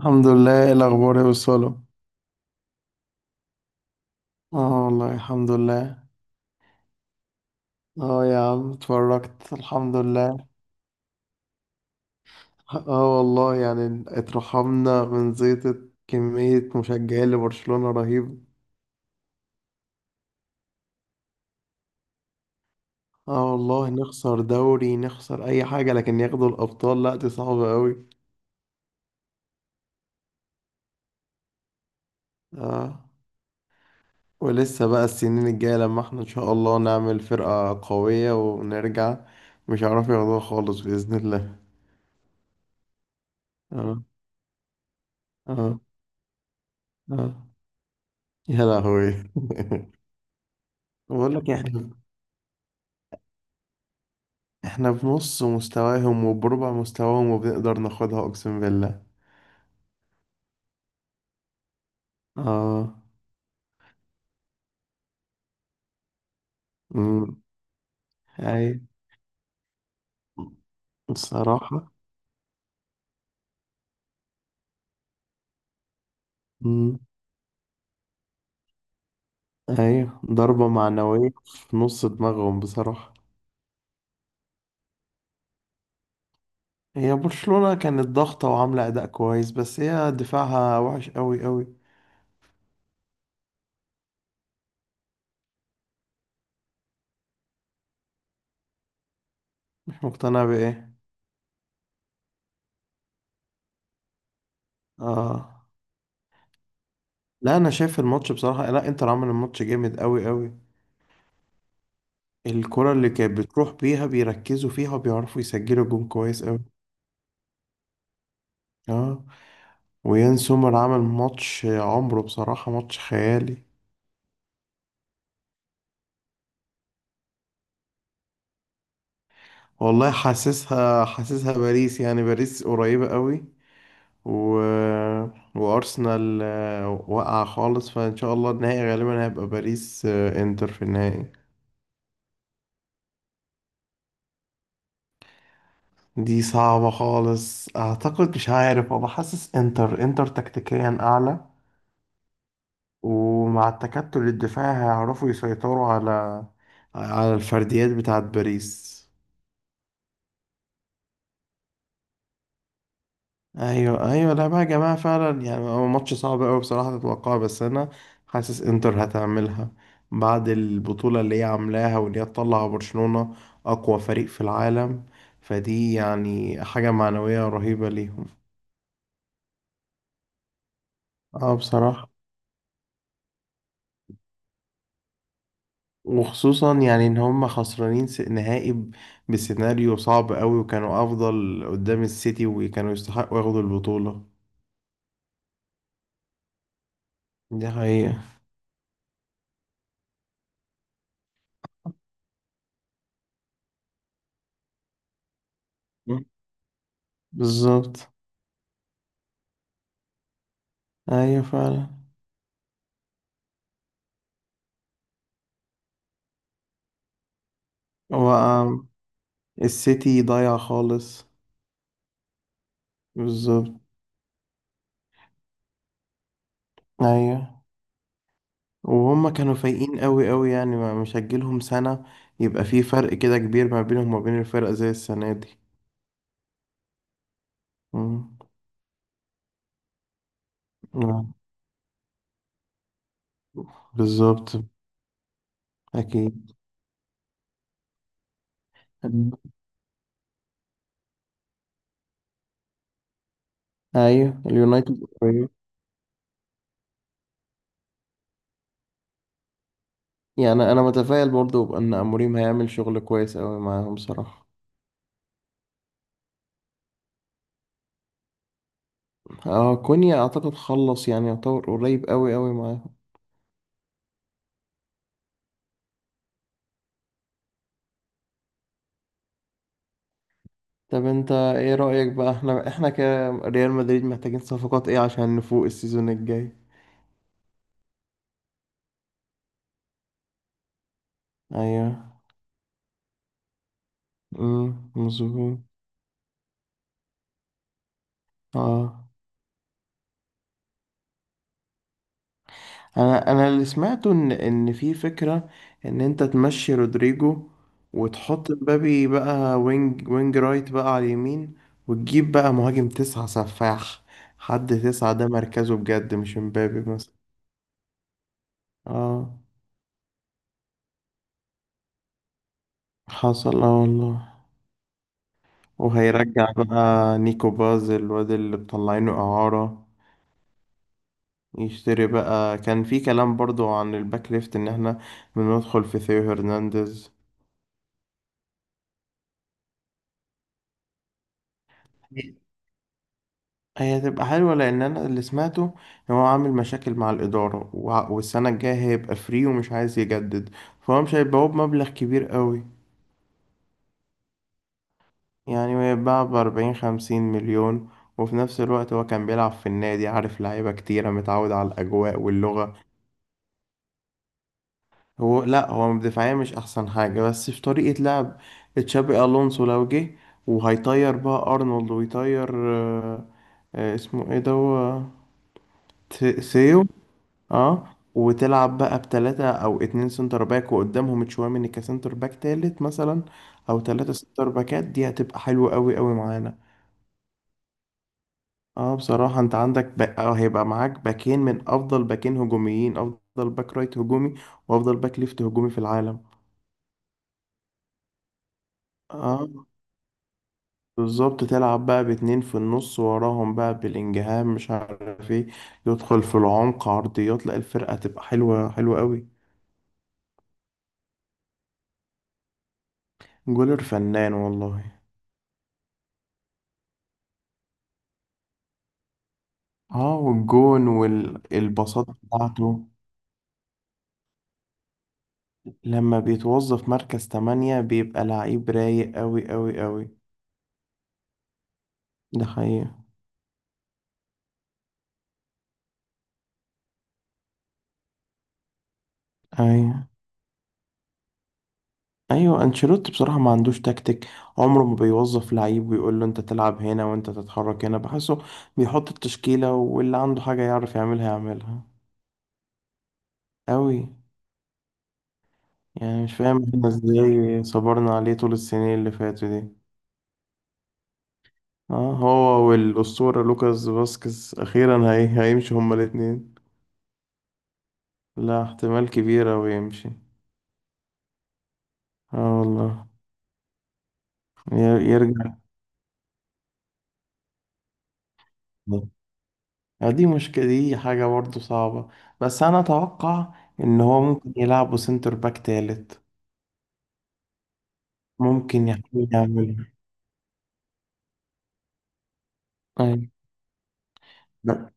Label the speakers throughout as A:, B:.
A: الحمد لله، ايه الاخبار يا وصاله؟ اه والله، الحمد لله. اه يا عم، اتفرجت الحمد لله. اه والله، يعني اترحمنا من زيطة كمية مشجعين لبرشلونة رهيب. اه والله، نخسر دوري، نخسر اي حاجة، لكن ياخدوا الابطال؟ لا، دي صعبة قوي. اه. ولسه بقى السنين الجاية لما احنا ان شاء الله نعمل فرقة قوية ونرجع، مش هيعرفوا ياخدوها خالص بإذن الله. اه. اه. اه. يا لهوي! بقول لك احنا في نص مستواهم وبربع مستواهم، وبنقدر ناخدها، اقسم بالله. اه. امم. اي. بصراحة. امم. ايوه، ضربة معنوية في نص دماغهم، بصراحة. هي برشلونة كانت ضاغطة وعاملة أداء كويس، بس هي دفاعها وحش أوي أوي. مش مقتنع بإيه؟ آه. لا، أنا شايف الماتش بصراحة، لا إنتر عمل الماتش جامد أوي أوي. الكرة اللي كانت بتروح بيها بيركزوا فيها وبيعرفوا يسجلوا جون كويس أوي. آه. ويان سومر عمل ماتش عمره بصراحة، ماتش خيالي. والله، حاسسها حاسسها باريس، يعني باريس قريبة قوي. و... وأرسنال واقعة خالص، فإن شاء الله النهائي غالبا هيبقى باريس إنتر في النهائي. دي صعبة خالص، أعتقد. مش عارف، أنا حاسس إنتر إنتر تكتيكيا أعلى. ومع التكتل الدفاعي هيعرفوا يسيطروا على الفرديات بتاعت باريس. ايوه، ايوه، لا بقى يا جماعه، فعلا يعني هو ماتش صعب قوي بصراحه تتوقعه، بس انا حاسس انتر هتعملها. بعد البطوله اللي هي عاملاها، واللي هي تطلع برشلونه اقوى فريق في العالم، فدي يعني حاجه معنويه رهيبه ليهم. اه، بصراحه. وخصوصا يعني ان هم خسرانين نهائي بسيناريو صعب قوي، وكانوا افضل قدام السيتي، وكانوا يستحقوا ياخدوا البطوله. دي حقيقه. مم. بالظبط. ايوه فعلا. هو السيتي ضايع خالص. بالظبط. ايوه. وهم كانوا فايقين قوي قوي، يعني ما مش هتجيلهم سنة يبقى في فرق كده كبير ما بينهم وما بين الفرق زي السنة دي. مم. آه. بالظبط. اكيد. ايوه، اليونايتد قريب. يعني انا متفائل برضو بان اموريم هيعمل شغل كويس قوي معاهم، صراحة. اه كونيا اعتقد خلص، يعني يعتبر قريب قوي قوي معاهم. طب انت ايه رأيك بقى؟ احنا كريال مدريد محتاجين صفقات ايه عشان نفوق السيزون الجاي؟ ايوه. امم، مظبوط. اه، انا اللي سمعته ان في فكره، ان انت تمشي رودريجو، وتحط مبابي بقى وينج رايت بقى على اليمين. وتجيب بقى مهاجم تسعة سفاح، حد تسعة ده مركزه بجد، مش مبابي مثلا. اه. حصل، اه والله. وهيرجع بقى نيكو باز الواد اللي مطلعينه إعارة، يشتري بقى. كان في كلام برضو عن الباك ليفت ان احنا بندخل في ثيو هرنانديز. هي هتبقى حلوة، لأن أنا اللي سمعته إن هو عامل مشاكل مع الإدارة، والسنة الجاية هيبقى فري ومش عايز يجدد، فهو مش هيبقى هو بمبلغ كبير قوي. يعني هيتباع بـ40-50 مليون. وفي نفس الوقت هو كان بيلعب في النادي، عارف لعيبة كتيرة، متعود على الأجواء واللغة. لأ، هو دفاعيا مش أحسن حاجة، بس في طريقة لعب تشابي ألونسو لو جه، وهيطير بقى أرنولد، ويطير اسمه إيه ده؟ هو ثيو. اه وتلعب بقى بتلاتة او اتنين سنتر باك، وقدامهم تشواميني كسنتر باك تالت مثلا. او تلاتة سنتر باكات، دي هتبقى حلوة قوي قوي معانا. اه بصراحة، انت عندك بقى هيبقى معاك باكين من افضل باكين هجوميين، افضل باك رايت هجومي وافضل باك ليفت هجومي في العالم. اه، بالظبط تلعب بقى باتنين في النص، وراهم بقى بالانجهام مش عارف ايه يدخل في العمق، عرضيات. لا، الفرقة هتبقى حلوة حلوة قوي. جولر فنان والله. اه، والجون والبساطة بتاعته. لما بيتوظف مركز تمانية بيبقى لعيب رايق أوي أوي أوي. ده حقيقة. أيوة. أيوة، أنشيلوتي بصراحة ما عندوش تكتيك، عمره ما بيوظف لعيب ويقول له أنت تلعب هنا وأنت تتحرك هنا، بحسه بيحط التشكيلة، واللي عنده حاجة يعرف يعملها يعملها. أوي. يعني مش فاهم احنا ازاي صبرنا عليه طول السنين اللي فاتوا دي. اه، هو والأسطورة لوكاس فاسكيز أخيرا هيمشوا هما الاتنين. لا احتمال كبير أوي يمشي. اه والله. يرجع. آه، دي مشكلة، دي حاجة برضه صعبة، بس أنا أتوقع إن هو ممكن يلعبه سنتر باك تالت. ممكن يحاول يعملها. أيوة. لا.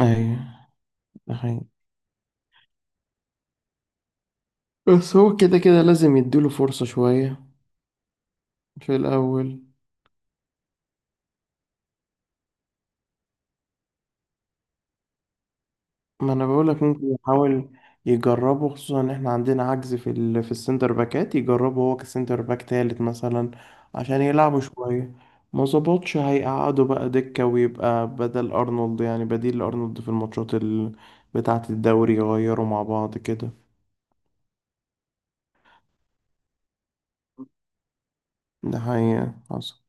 A: أيوة. ده حقيقي. بس هو كده كده لازم يديله فرصة شوية في الأول. ما انا بقولك ممكن يحاول يجربه، خصوصا ان احنا عندنا عجز في السنتر باكات، يجربه هو كسنتر باك تالت مثلا عشان يلعبوا شوية. ما ظبطش هيقعدوا بقى دكة، ويبقى بدل ارنولد يعني بديل لارنولد في الماتشات بتاعة الدوري، يغيروا مع بعض كده. ده حقيقة حصل.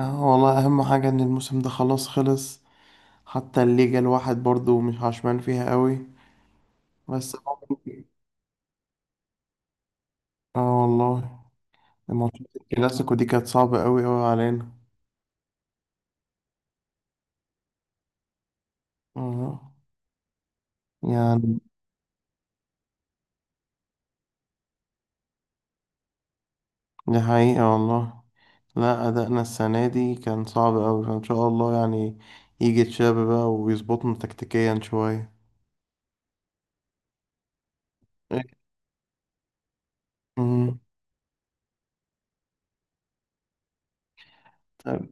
A: اه والله، اهم حاجة ان الموسم ده خلاص خلص. حتى الليجا الواحد برضو مش عشمان فيها قوي. بس ممكن- اه والله، ماتشات الكلاسيكو دي كانت صعبة قوي قوي علينا. آه. يعني. دي حقيقة والله. لا أدائنا السنة دي كان صعب أوي، فإن شاء الله يعني يجي تشابي بقى ويظبطنا تكتيكيا شوية. إيه. مم. طب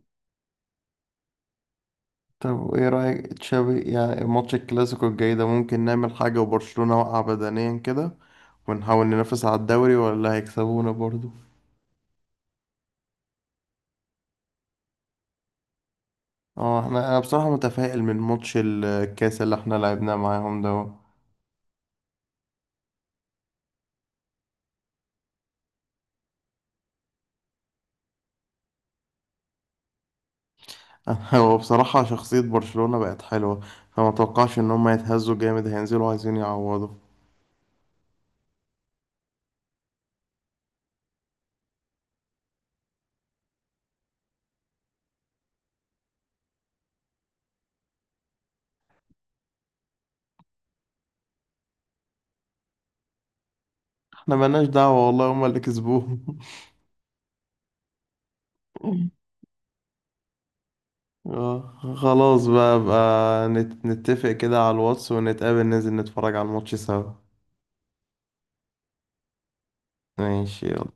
A: طب، إيه رأيك تشابي؟ يعني ماتش الكلاسيكو الجاي ده ممكن نعمل حاجة وبرشلونة وقع بدنيا كده، ونحاول ننافس على الدوري، ولا هيكسبونا برضو؟ اه انا بصراحة متفائل من ماتش الكاس اللي احنا لعبناه معاهم ده. هو بصراحة شخصية برشلونة بقت حلوة، فما توقعش ان هم يتهزوا جامد، هينزلوا عايزين يعوضوا. احنا ملناش دعوة والله، هم اللي كسبوهم. آه، خلاص بقى نتفق كده على الواتس، ونتقابل ننزل نتفرج على الماتش سوا. ماشي يلا.